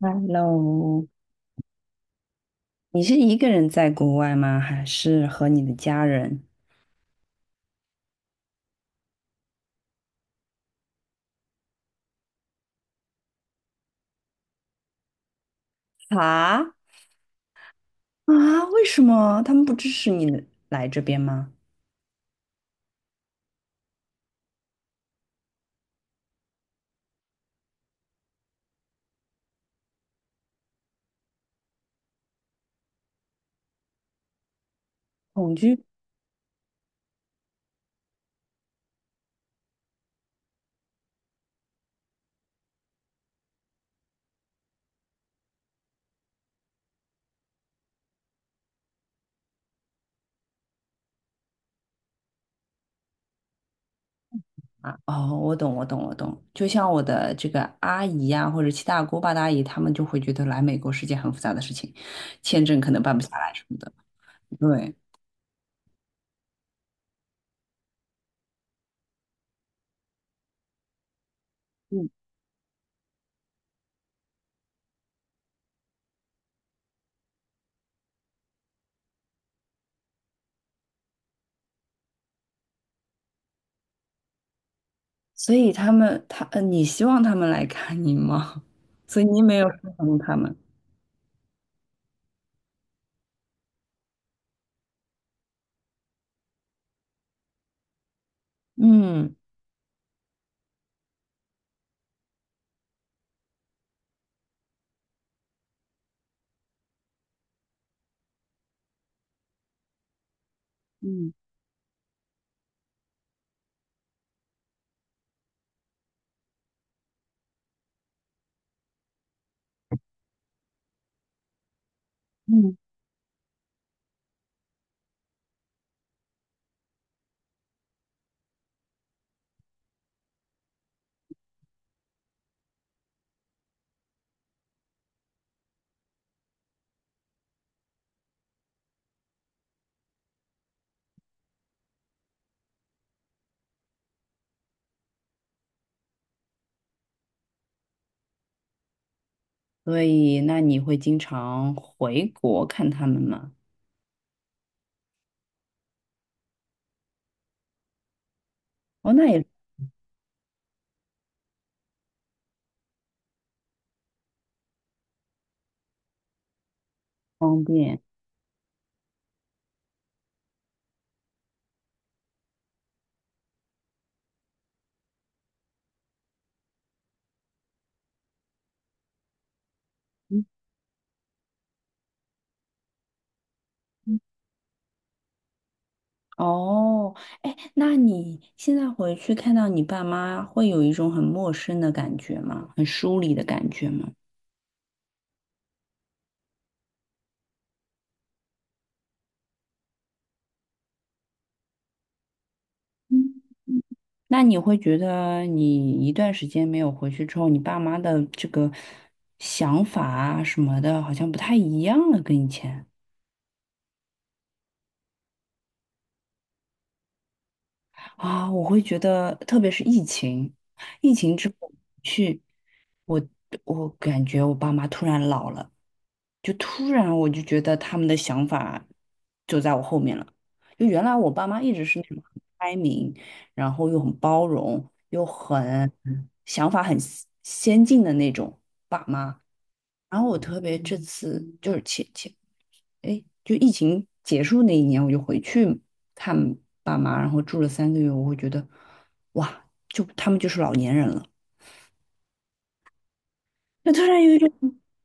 Hello，你是一个人在国外吗？还是和你的家人？啊，啊，为什么他们不支持你来这边吗？恐惧。啊！哦，我懂，我懂，我懂。就像我的这个阿姨呀、或者七大姑八大姨，他们就会觉得来美国是件很复杂的事情，签证可能办不下来什么的。对，嗯，所以他们，他，你希望他们来看你吗？所以你没有说服他们。嗯嗯。嗯。所以那你会经常回国看他们吗？哦，那也方便。嗯。嗯。哦，哎，那你现在回去看到你爸妈，会有一种很陌生的感觉吗？很疏离的感觉吗？嗯，那你会觉得你一段时间没有回去之后，你爸妈的这个想法啊什么的，好像不太一样了，跟以前。啊，我会觉得，特别是疫情，疫情之后去，我我感觉我爸妈突然老了，就突然我就觉得他们的想法就在我后面了。就原来我爸妈一直是那种很开明，然后又很包容，又很想法很先进的那种爸妈，然后我特别这次就是前，哎，就疫情结束那一年，我就回去看爸妈，然后住了三个月，我会觉得，哇，就他们就是老年人了，就突然有一种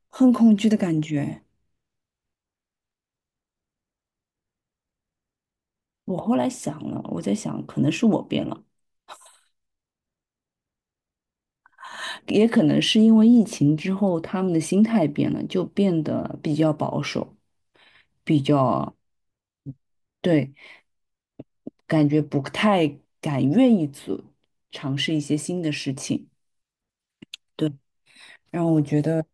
很恐惧的感觉。我后来想了，我在想，可能是我变了，也可能是因为疫情之后他们的心态变了，就变得比较保守，比较，对，感觉不太敢愿意做尝试一些新的事情。对。然后我觉得，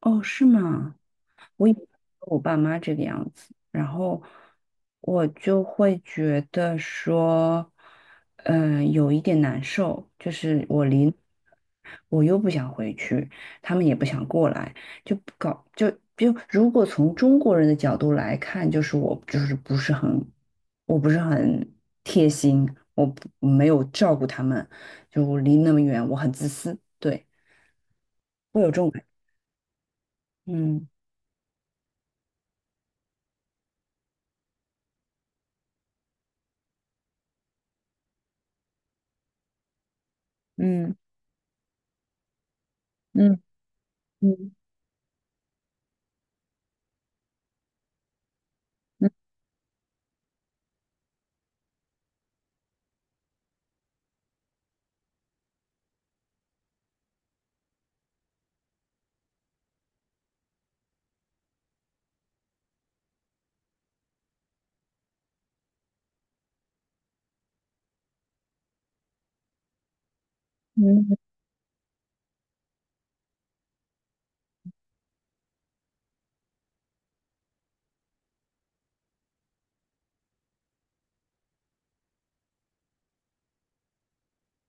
哦，是吗？我以为我爸妈这个样子，然后我就会觉得说，嗯、有一点难受，就是我离，我又不想回去，他们也不想过来，就不搞就就如果从中国人的角度来看，就是我就是不是很，我不是很贴心，我不没有照顾他们，就我离那么远，我很自私，对，会有这种感觉，嗯。嗯。嗯。嗯。嗯。嗯。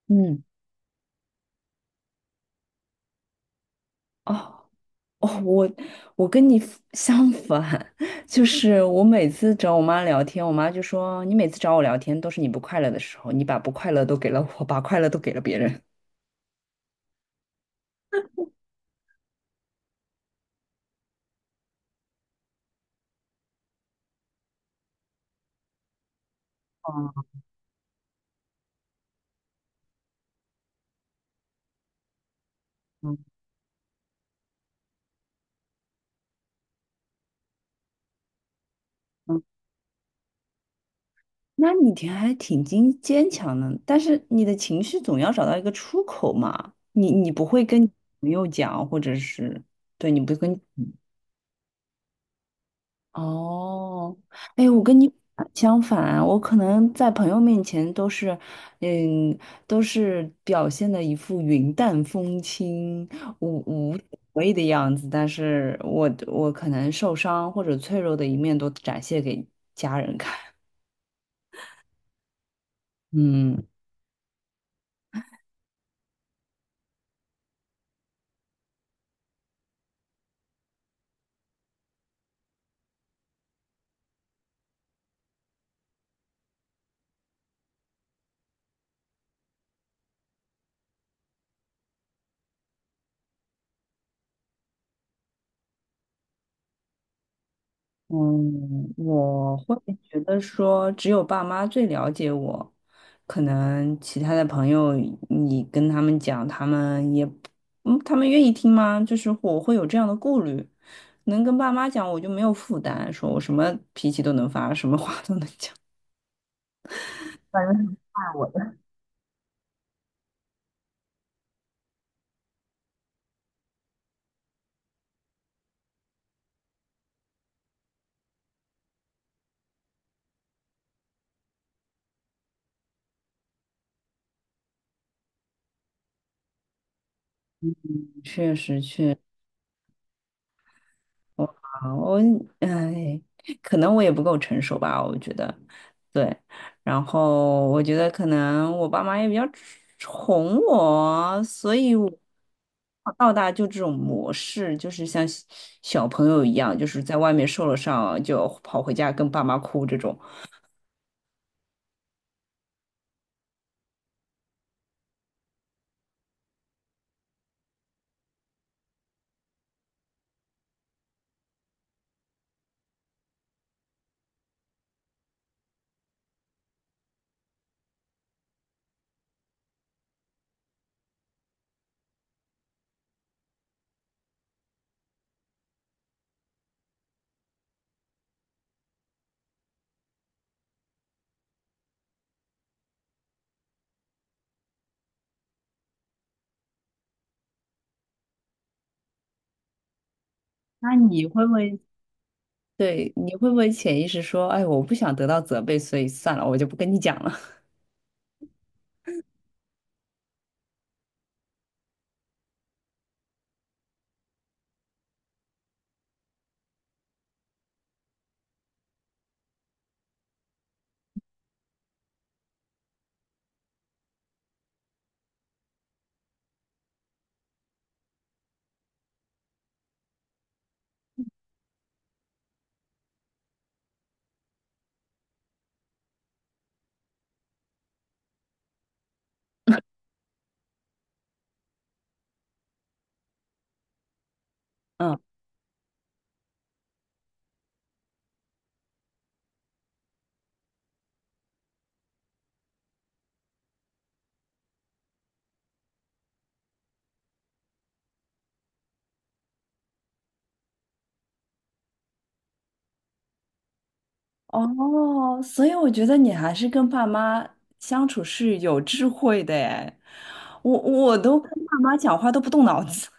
嗯。哦。哦，我跟你 相反，就是我每次找我妈聊天，我妈就说你每次找我聊天都是你不快乐的时候，你把不快乐都给了我，把快乐都给了别人。嗯。嗯。那你挺还挺坚强的，但是你的情绪总要找到一个出口嘛。你不会跟你朋友讲，或者是对你不跟，哦，哎，我跟你相反，我可能在朋友面前都是，嗯，都是表现的一副云淡风轻、无所谓的样子，但是我可能受伤或者脆弱的一面都展现给家人看。嗯。嗯，我会觉得说，只有爸妈最了解我，可能其他的朋友，你跟他们讲，他们也嗯，他们愿意听吗？就是我会有这样的顾虑，能跟爸妈讲，我就没有负担，说我什么脾气都能发，什么话都能讲。反正确实确。好，我，哎，可能我也不够成熟吧，我觉得，对。然后我觉得可能我爸妈也比较宠我，所以我从小到大就这种模式，就是像小朋友一样，就是在外面受了伤就跑回家跟爸妈哭这种。那你会不会，对，你会不会潜意识说，哎，我不想得到责备，所以算了，我就不跟你讲了。嗯。哦，所以我觉得你还是跟爸妈相处是有智慧的哎，我都跟爸妈讲话都不动脑子，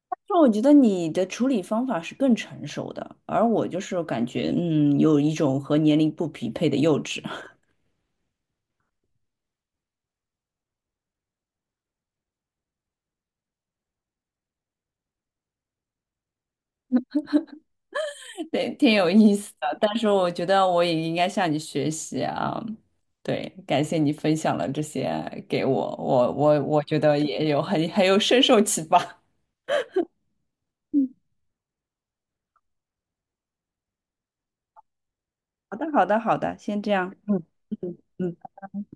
就我觉得你的处理方法是更成熟的，而我就是感觉嗯有一种和年龄不匹配的幼稚，对，挺有意思的。但是我觉得我也应该向你学习啊，对，感谢你分享了这些给我，我觉得也有很有深受启发。好的，好的，好的，先这样，嗯。嗯。嗯。